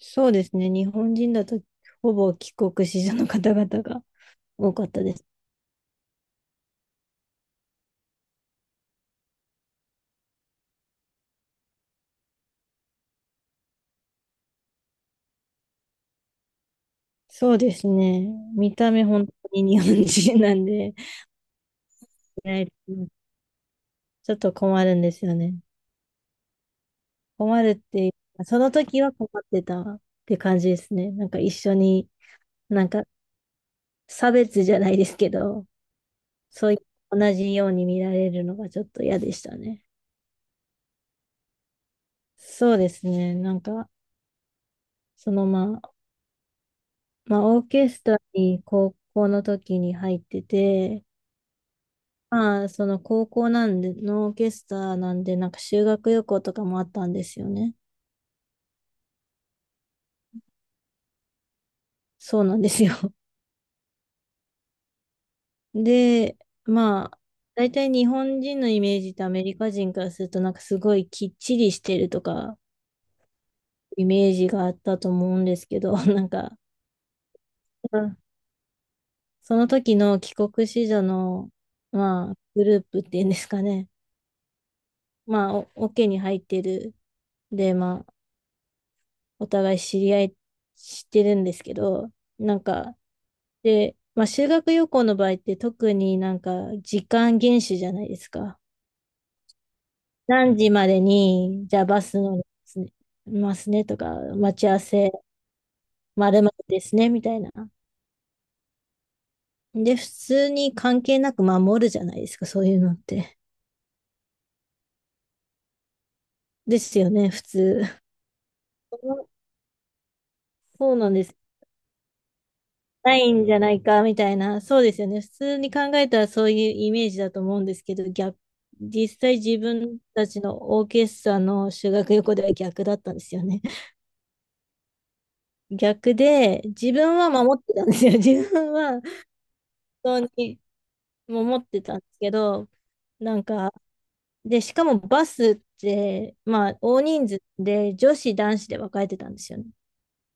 そうですね。日本人だとほぼ帰国子女の方々が多かったです。そうですね。見た目本当に日本人なんで、ね、ちょっと困るんですよね。困るっていうか、その時は困ってたって感じですね。なんか一緒に、なんか差別じゃないですけど、そういう同じように見られるのがちょっと嫌でしたね。そうですね。なんか、そのまあ、まあ、オーケストラに高校の時に入ってて、まあ、その高校なんで、ノーケスターなんで、なんか修学旅行とかもあったんですよね。そうなんですよ。で、まあ、大体日本人のイメージとアメリカ人からすると、なんかすごいきっちりしてるとか、イメージがあったと思うんですけど、なんか、うん、その時の帰国子女の、まあ、グループっていうんですかね。まあ、オケに入ってる。で、まあ、お互い知り合いしてるんですけど、なんか、で、まあ、修学旅行の場合って特になんか時間厳守じゃないですか。何時までに、じゃあバス乗りすね、ますねとか、待ち合わせ、まるまるですね、みたいな。で、普通に関係なく守るじゃないですか、そういうのって。ですよね、普通。そうそう、なんです。ないんじゃないか、みたいな。そうですよね。普通に考えたらそういうイメージだと思うんですけど、実際自分たちのオーケストラの修学旅行では逆だったんですよね。逆で、自分は守ってたんですよ。自分は本当に守ってたんですけど、なんか、で、しかもバスって、まあ、大人数で女子、男子で分かれてたんですよね。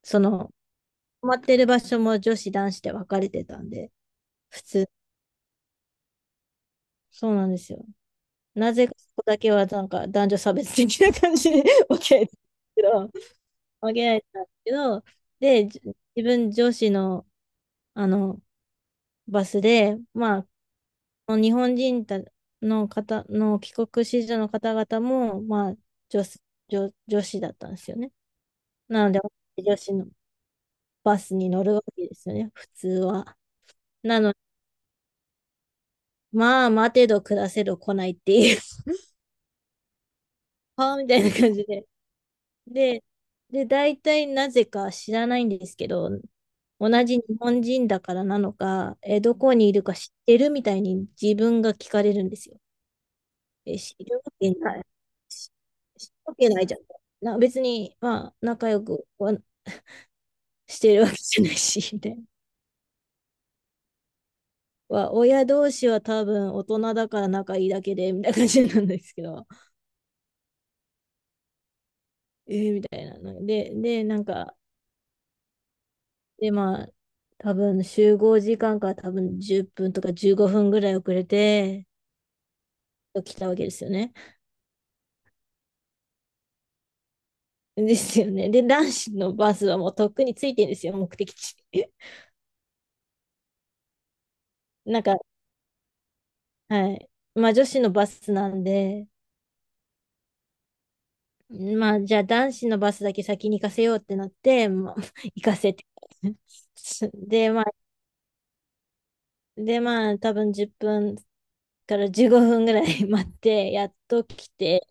その、泊まってる場所も女子、男子で分かれてたんで、普通、そうなんですよ。なぜかそこだけは、なんか、男女差別的な感じで 分けられてたんですけど、分けられてたんですけど、で、自分、女子の、あの、バスで、まあ、日本人たの方の帰国子女の方々も、まあ、女子、女子だったんですよね。なので、女子のバスに乗るわけですよね、普通は。なので、まあ、待てど暮らせど来ないっていう、はあみたいな感じで。で、で、大体なぜか知らないんですけど、同じ日本人だからなのか、どこにいるか知ってるみたいに自分が聞かれるんですよ。知るわけないしわけないじゃん。別に、まあ、仲良くはしてるわけじゃないし、みたいな。は親同士は多分大人だから仲いいだけで、みたいな感じなんですけど、えー、みたいなの。で、なんか、で、まあ、多分集合時間から多分10分とか15分ぐらい遅れて、来たわけですよね。ですよね。で、男子のバスはもうとっくについてるんですよ、目的地。なんか、はい。まあ、女子のバスなんで、まあ、じゃあ男子のバスだけ先に行かせようってなって、まあ、行かせて。で、まあ、で、まあ、多分10分から15分ぐらい 待って、やっと来て、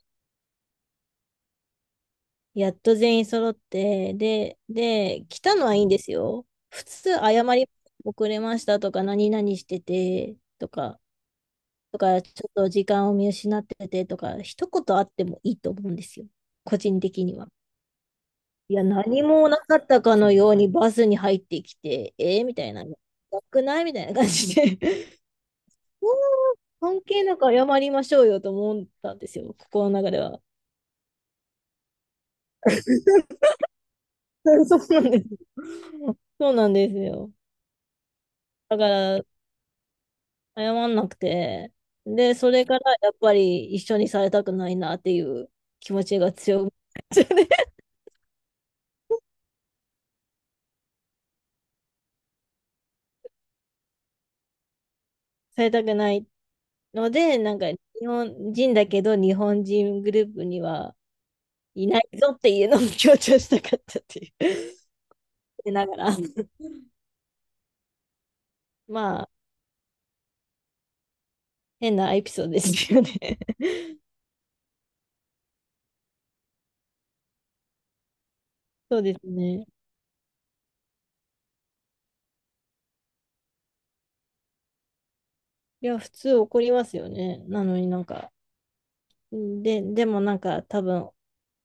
やっと全員揃って、で、来たのはいいんですよ。普通、謝り、遅れましたとか、何々しててとか、ちょっと時間を見失っててとか、一言あってもいいと思うんですよ。個人的には。いや、何もなかったかのようにバスに入ってきて、えー、みたいな、なくないみたいな感じで そんな 関係なく謝りましょうよと思ったんですよ、心の中では。そうなんです。そうなんですよ。だから、謝んなくて、で、それからやっぱり一緒にされたくないなっていう気持ちが強くなっちゃって されたくないので、なんか日本人だけど日本人グループには、いないぞっていうのも強調したかったっていう でながら、まあ、変なエピソードですよね。 そうですね。いや、普通怒りますよね。なのになんか、で、でもなんか多分、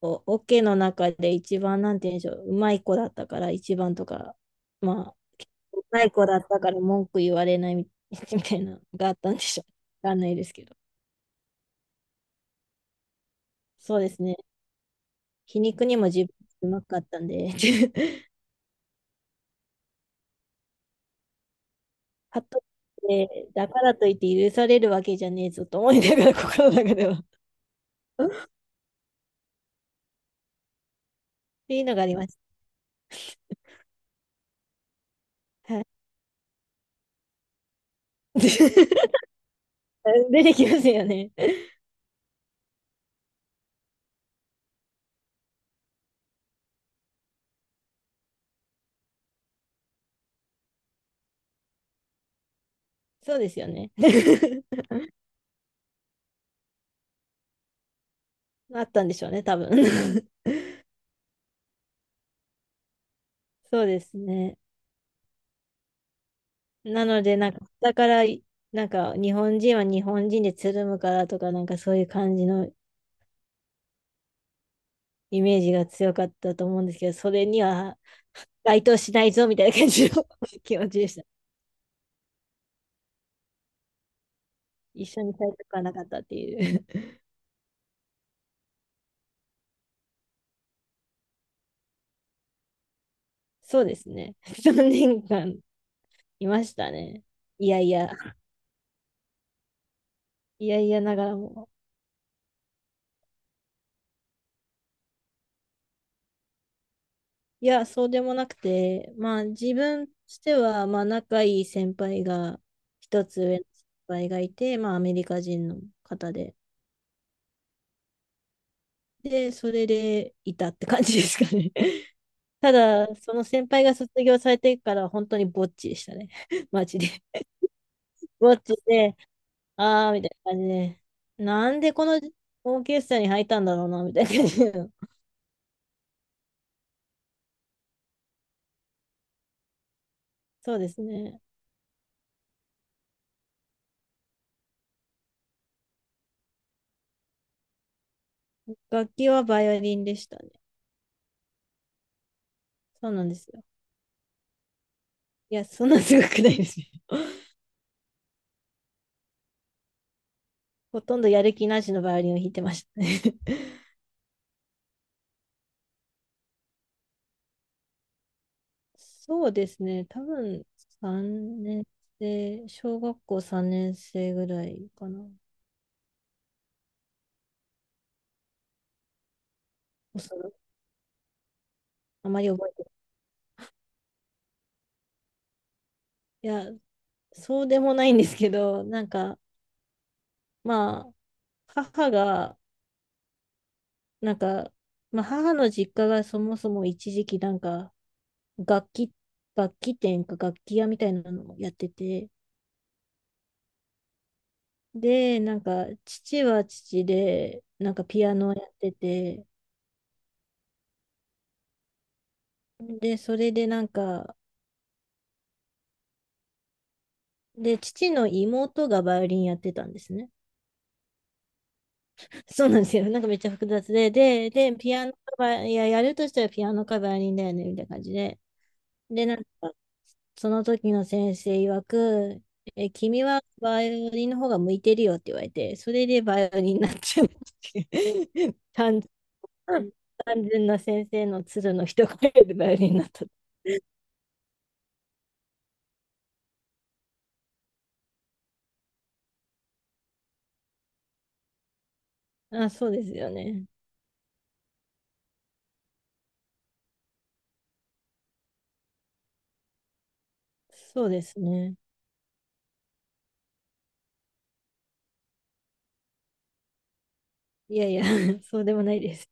オケの中で一番、なんて言うんでしょう、うまい子だったから一番とか、まあ、うまい子だったから文句言われない みたいなのがあったんでしょう。わかんないですけど。そうですね。皮肉にも自分うまかったんで、かといって、だからといって許されるわけじゃねえぞと思いながら、心の中では。っていうのがありました。はい。出てきますよね。そうですよね。あったんでしょうね、多分。そうですね。なので、なんか、だから、なんか、日本人は日本人でつるむからとか、なんかそういう感じのイメージが強かったと思うんですけど、それには該当しないぞみたいな感じの 気持ちでした。一緒にされたくはなかったっていう。そうですね。3年間いましたね。いやいや、いやいやながらも。いや、そうでもなくて、まあ自分としては、まあ仲いい先輩が、一つ上の先輩がいて、まあアメリカ人の方で。で、それでいたって感じですかね。ただ、その先輩が卒業されてから本当にぼっちでしたね。マジで。ぼっちで、あーみたいな感じで、なんでこのオーケストラに入ったんだろうな、みたいな感じの。そうですね。楽器はバイオリンでしたね。そうなんですよ。いや、そんなすごくないですよ。ほとんどやる気なしのバイオリンを弾いてましたね。そうですね。多分3年生、小学校3年生ぐらいかな。おそらくあまり覚えてない。いや、そうでもないんですけど、なんか、まあ、母が、なんか、まあ、母の実家がそもそも一時期なんか、楽器、楽器店か楽器屋みたいなのをやってて、で、なんか、父は父で、なんかピアノをやってて、で、それでなんか、で、父の妹がバイオリンやってたんですね。そうなんですよ。なんかめっちゃ複雑で、ピアノかいや、やるとしたらピアノかバイオリンだよね、みたいな感じで。で、なんか、その時の先生曰く、え、君はバイオリンの方が向いてるよって言われて、それでバイオリンになっちゃうっていう 単純な先生の鶴の一声でバイオリンになった。あ、そうですよね。そうですね。いやいや、そうでもないです。